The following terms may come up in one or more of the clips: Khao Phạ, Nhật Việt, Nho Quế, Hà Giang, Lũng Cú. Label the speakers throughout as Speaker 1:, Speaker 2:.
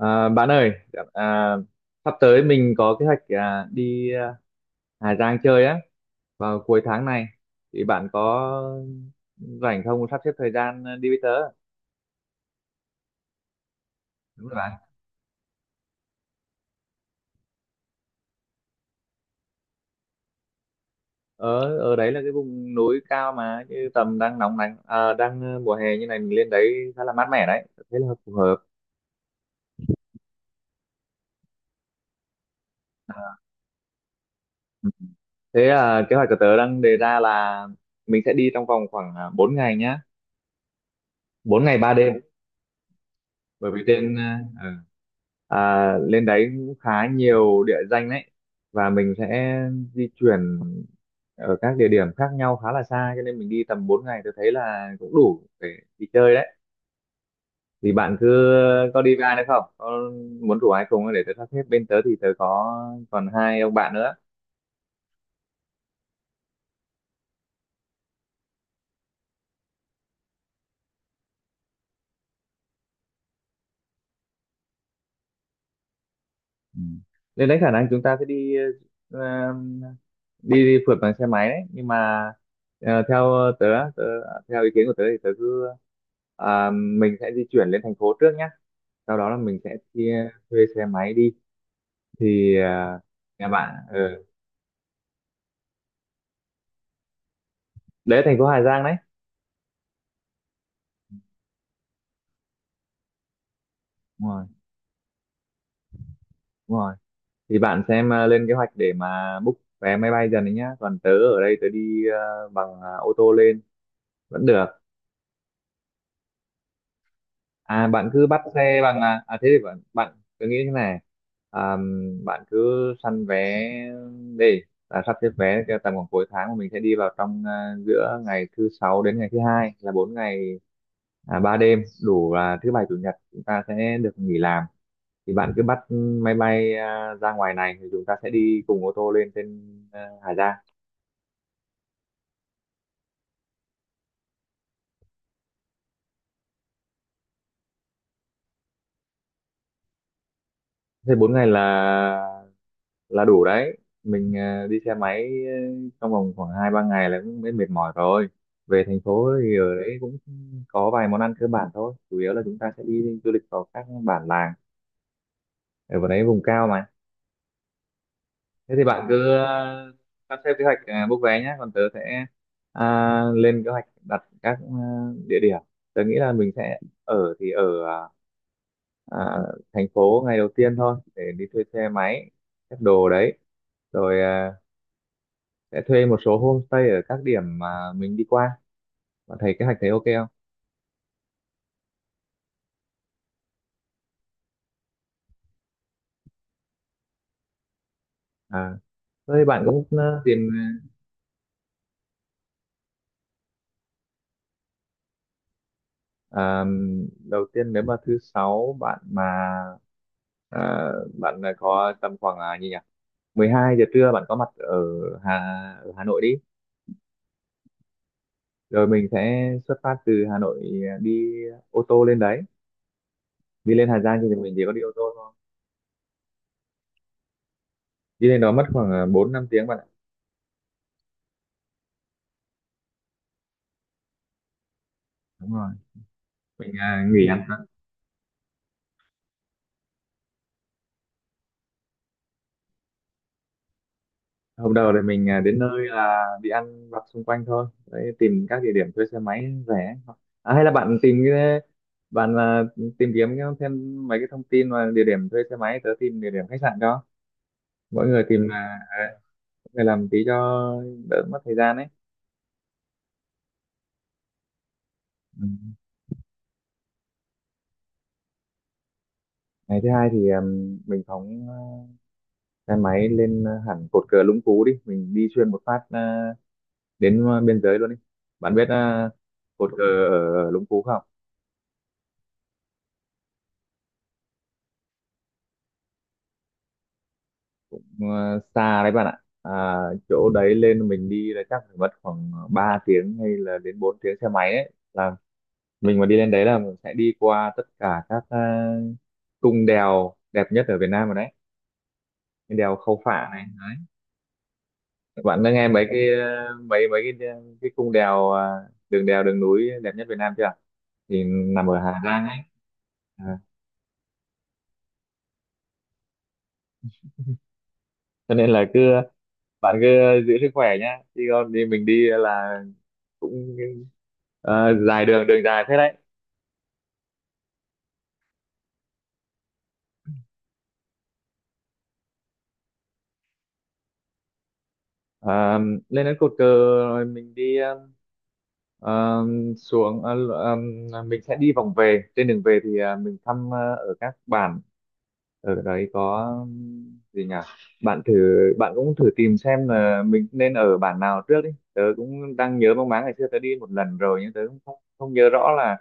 Speaker 1: À, bạn ơi, à, sắp tới mình có kế hoạch đi Hà Giang chơi á, vào cuối tháng này thì bạn có rảnh không, sắp xếp thời gian đi với tớ? Đúng rồi bạn. Ở ở đấy là cái vùng núi cao, mà như tầm đang nóng nắng, mùa hè như này mình lên đấy khá là mát mẻ đấy, thế là phù hợp. à, Kế hoạch của tớ đang đề ra là mình sẽ đi trong vòng khoảng 4 ngày nhá, 4 ngày 3 đêm. Bởi vì lên đấy cũng khá nhiều địa danh đấy, và mình sẽ di chuyển ở các địa điểm khác nhau khá là xa, cho nên mình đi tầm 4 ngày tôi thấy là cũng đủ để đi chơi đấy. Thì bạn cứ, có đi với ai nữa không, có muốn rủ ai cùng không? Để tớ sắp xếp. Bên tớ thì tớ có còn hai ông bạn nữa. Ừ. Nên đấy, khả năng chúng ta sẽ đi ờ, đi phượt bằng xe máy đấy, nhưng mà theo tớ, tớ theo ý kiến của tớ thì mình sẽ di chuyển lên thành phố trước nhé. Sau đó là mình sẽ chia thuê xe máy đi. thì à, Nhà bạn ở? Đấy thành phố Hà Giang đấy. Đúng rồi, đúng rồi. Thì bạn xem, lên kế hoạch để mà book vé máy bay dần đấy nhá, còn tớ ở đây tớ đi ô tô lên vẫn được. Bạn cứ bắt xe bằng, thế thì bạn bạn, tớ nghĩ thế này, à, bạn cứ săn vé đi, là sắp xếp vé cho tầm khoảng cuối tháng mà mình sẽ đi vào trong, giữa ngày thứ sáu đến ngày thứ hai là bốn ngày ba đêm, đủ là thứ bảy chủ nhật chúng ta sẽ được nghỉ làm. Thì bạn cứ bắt máy bay ra ngoài này thì chúng ta sẽ đi cùng ô tô lên trên Hà Giang. Thế bốn ngày là đủ đấy. Mình đi xe máy trong vòng khoảng hai ba ngày là cũng mệt mỏi rồi. Về thành phố thì ở đấy cũng có vài món ăn cơ bản thôi, chủ yếu là chúng ta sẽ đi du lịch vào các bản làng, ở vào đấy vùng cao mà. Thế thì bạn cứ sắp xếp kế hoạch, book vé nhé, còn tớ sẽ lên kế hoạch đặt các địa điểm. Tớ nghĩ là mình sẽ ở, thì ở à, à, thành phố ngày đầu tiên thôi để đi thuê xe máy, xếp đồ đấy, rồi sẽ thuê một số homestay ở các điểm mà mình đi qua. Bạn thấy kế hoạch, thấy ok không? à với bạn cũng tìm. ờ, Đầu tiên nếu mà thứ sáu bạn mà, ờ, có tầm khoảng, à, gì nhỉ 12 giờ trưa bạn có mặt ở Hà Hà Nội đi, rồi mình sẽ xuất phát từ Hà Nội đi ô tô lên đấy. Đi lên Hà Giang thì mình chỉ có đi ô tô thôi. Đi lên đó mất khoảng 4 5 tiếng bạn ạ. Đúng rồi, mình nghỉ ăn. Hôm đầu thì mình đến nơi là đi ăn vặt xung quanh thôi đấy, tìm các địa điểm thuê xe máy rẻ. Hay là bạn tìm cái, bạn à, tìm kiếm thêm mấy cái thông tin mà địa điểm thuê xe máy, tớ tìm địa điểm khách sạn, cho mỗi người tìm, mỗi người làm tí cho đỡ mất thời gian ấy. Ừ. Ngày thứ hai thì mình phóng xe máy lên hẳn cột cờ Lũng Cú đi, mình đi xuyên một phát uh, đến biên giới luôn đi. Bạn biết cột cờ ở Lũng Cú không? Xa đấy bạn ạ. Chỗ đấy lên mình đi là chắc phải mất khoảng 3 tiếng hay là đến 4 tiếng xe máy đấy. Là mình mà đi lên đấy là mình sẽ đi qua tất cả các cung đèo đẹp nhất ở Việt Nam rồi đấy. Cái đèo Khao Phạ này, bạn đã nghe mấy cái cung đèo, đường đèo đường núi đẹp nhất Việt Nam chưa? Thì nằm ở Hà Giang ấy. à. Cho nên là cứ, bạn cứ giữ sức khỏe nhá, đi con đi, mình đi là cũng dài, đường đường dài thế đấy. À, lên đến cột cờ rồi mình đi, ờ, xuống ờ, ờ, mình sẽ đi vòng về. Trên đường về thì mình thăm ở các bản, ở đấy có, gì nhỉ bạn thử, cũng thử tìm xem là mình nên ở bản nào trước đi. Tớ cũng đang nhớ mang máng, ngày xưa tớ đi một lần rồi nhưng tớ cũng không nhớ rõ là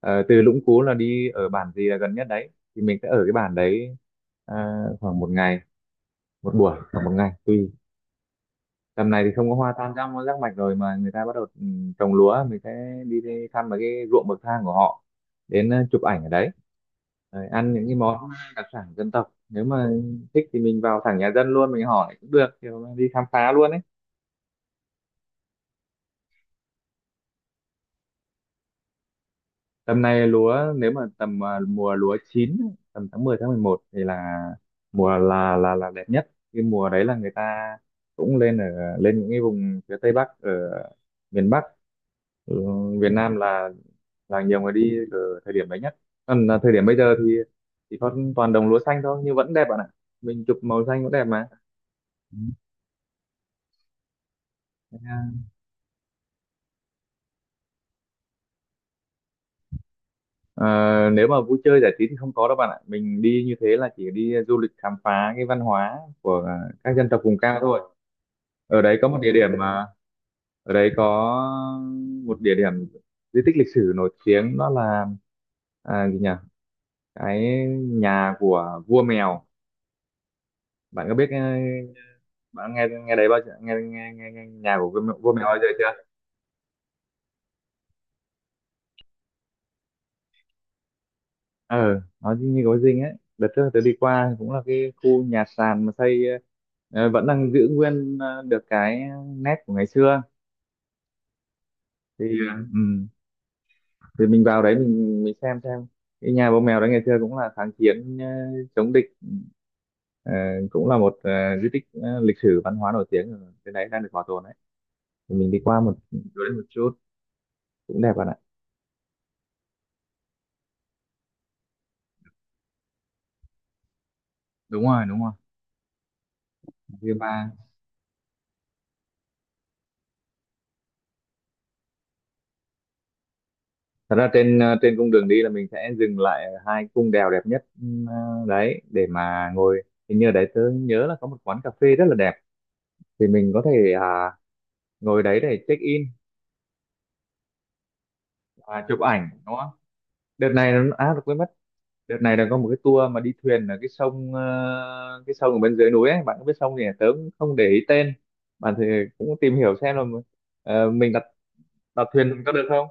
Speaker 1: từ Lũng Cú là đi ở bản gì là gần nhất đấy. Thì mình sẽ ở cái bản đấy khoảng một ngày, một buổi khoảng một ngày tùy. Tầm này thì không có hoa tam giác giác mạch rồi mà người ta bắt đầu trồng lúa. Mình sẽ đi thăm mấy cái ruộng bậc thang của họ, đến chụp ảnh ở đấy. Rồi ăn những cái món đặc sản dân tộc, nếu mà thích thì mình vào thẳng nhà dân luôn, mình hỏi cũng được, kiểu đi khám phá luôn ấy. Tầm này lúa, nếu mà tầm mùa lúa chín ấy, tầm tháng 10 tháng 11 thì là mùa là đẹp nhất. Cái mùa đấy là người ta cũng lên ở, lên những cái vùng phía Tây Bắc ở miền Bắc, ừ, Việt Nam, là nhiều người đi ở thời điểm đấy nhất. Còn là thời điểm bây giờ thì có toàn đồng lúa xanh thôi nhưng vẫn đẹp bạn ạ, mình chụp màu xanh vẫn đẹp mà. Ừ. Thế, à, Ờ, Nếu mà vui chơi giải trí thì không có đâu bạn ạ, mình đi như thế là chỉ đi du lịch khám phá cái văn hóa của các dân tộc vùng cao thôi. ở đấy có một địa điểm mà Ở đấy có một địa điểm di tích lịch sử nổi tiếng, đó là, à, gì nhỉ cái nhà của vua mèo. Bạn có biết, bạn nghe, nghe đấy bao giờ nghe nghe nghe, nghe nhà của vua mèo bao giờ chưa? Ờ nó như như có dinh ấy. Đợt trước tớ đi qua cũng là cái khu nhà sàn mà xây, vẫn đang giữ nguyên, được cái nét của ngày xưa. Thì Yeah. Ừ, thì mình vào đấy, mình xem cái nhà vua mèo đấy. Ngày xưa cũng là kháng chiến, chống địch, ờ, cũng là một, di tích, lịch sử văn hóa nổi tiếng ở trên đấy đang được bảo tồn đấy. Thì mình đi qua một chỗ đấy một chút, cũng đẹp bạn ạ. Đúng rồi, đúng rồi. View Ba. Thật ra trên cung đường đi là mình sẽ dừng lại ở hai cung đèo đẹp nhất, đấy để mà ngồi. Hình như ở đấy tớ nhớ là có một quán cà phê rất là đẹp, thì mình có thể ngồi đấy để check in và chụp ảnh, đúng không? Đợt này nó, à được quên mất, đợt này là có một cái tour mà đi thuyền ở cái sông, cái sông ở bên dưới núi ấy. Bạn có biết sông gì à? Tớ cũng không để ý tên. Bạn thì cũng tìm hiểu xem là, mình đặt đặt thuyền có được không?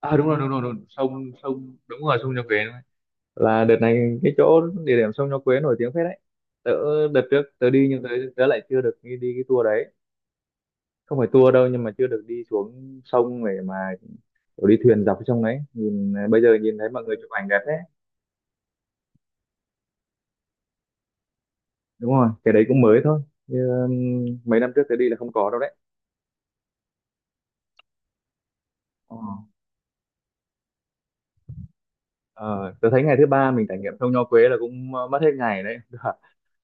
Speaker 1: Đúng rồi, đúng rồi, đúng rồi. Sông sông đúng rồi, sông Nhật Việt. Là đợt này cái chỗ địa điểm sông Nho Quế nổi tiếng phết đấy. tớ Đợt trước tớ đi nhưng tớ lại chưa được đi cái tour đấy, không phải tour đâu nhưng mà chưa được đi xuống sông để mà kiểu đi thuyền dọc cái sông đấy. Bây giờ nhìn thấy mọi người chụp ảnh đẹp đấy. Đúng rồi, cái đấy cũng mới thôi. Như, um, Mấy năm trước tớ đi là không có đâu đấy. Ờ. Ờ, tớ thấy ngày thứ ba mình trải nghiệm sông Nho Quế là cũng mất hết ngày đấy.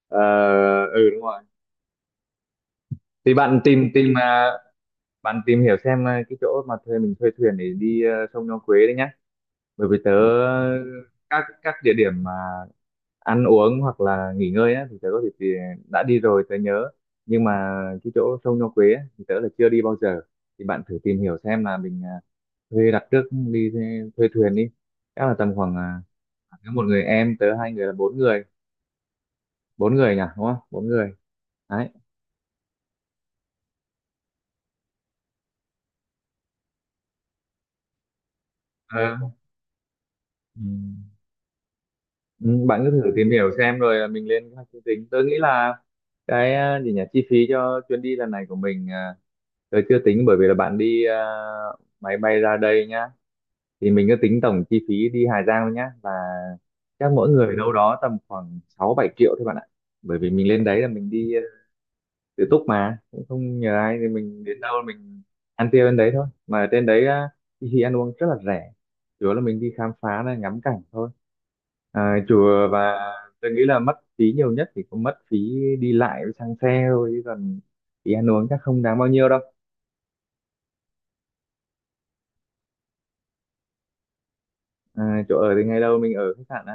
Speaker 1: Ờ, ừ đúng rồi. Thì bạn tìm tìm ờ, bạn tìm hiểu xem cái chỗ mà thuê, mình thuê thuyền để đi sông Nho Quế đấy nhá, bởi vì tớ, các địa điểm mà ăn uống hoặc là nghỉ ngơi á thì tớ có thể, đã đi rồi tớ nhớ, nhưng mà cái chỗ sông Nho Quế á, thì tớ là chưa đi bao giờ. Thì bạn thử tìm hiểu xem là mình thuê đặt trước đi, thuê thuyền đi. Chắc là tầm khoảng, nếu một người em tớ hai người là bốn người, bốn người nhỉ đúng không, bốn người đấy. Ờ. Ừ. Ừ, bạn cứ thử tìm hiểu xem rồi mình lên các chương trình. Tôi nghĩ là cái à, gì nhỉ chi phí cho chuyến đi lần này của mình, tôi chưa tính bởi vì là bạn đi máy bay ra đây nhá. Thì mình cứ tính tổng chi phí đi Hà Giang thôi nhá, là chắc mỗi người đâu đó tầm khoảng 6 7 triệu thôi bạn ạ. Bởi vì mình lên đấy là mình đi tự túc mà cũng không nhờ ai, thì mình đến đâu mình ăn tiêu đến đấy thôi, mà ở trên đấy á, thì ăn uống rất là rẻ, chủ yếu là mình đi khám phá này ngắm cảnh thôi, chùa và tôi nghĩ là mất phí nhiều nhất thì cũng mất phí đi lại với xăng xe thôi, chứ còn phí ăn uống chắc không đáng bao nhiêu đâu. Chỗ ở thì ngày đầu mình ở khách sạn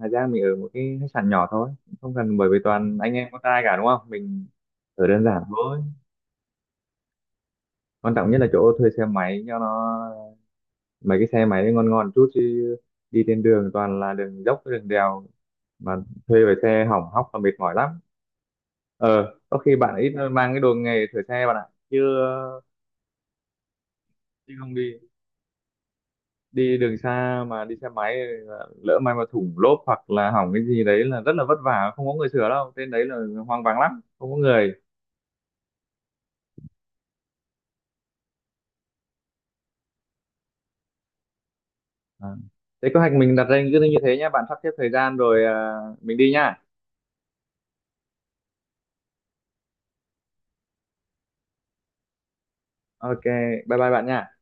Speaker 1: Hà Giang, mình ở một cái khách sạn nhỏ thôi, không cần bởi vì toàn anh em con trai cả đúng không, mình ở đơn giản thôi. Quan trọng nhất là chỗ thuê xe máy cho nó mấy cái xe máy ngon ngon chút, chứ đi trên đường toàn là đường dốc đường đèo mà thuê về xe hỏng hóc là mệt mỏi lắm. Ờ có khi bạn ít mang cái đồ nghề sửa xe bạn ạ, chứ chứ không đi đi đường xa mà đi xe máy lỡ may mà thủng lốp hoặc là hỏng cái gì đấy là rất là vất vả, không có người sửa đâu, trên đấy là hoang vắng lắm không có người. à. Thế kế hoạch mình đặt ra cứ như thế nhé, bạn sắp xếp thời gian rồi mình đi nhá. Ok, bye bye bạn nhá.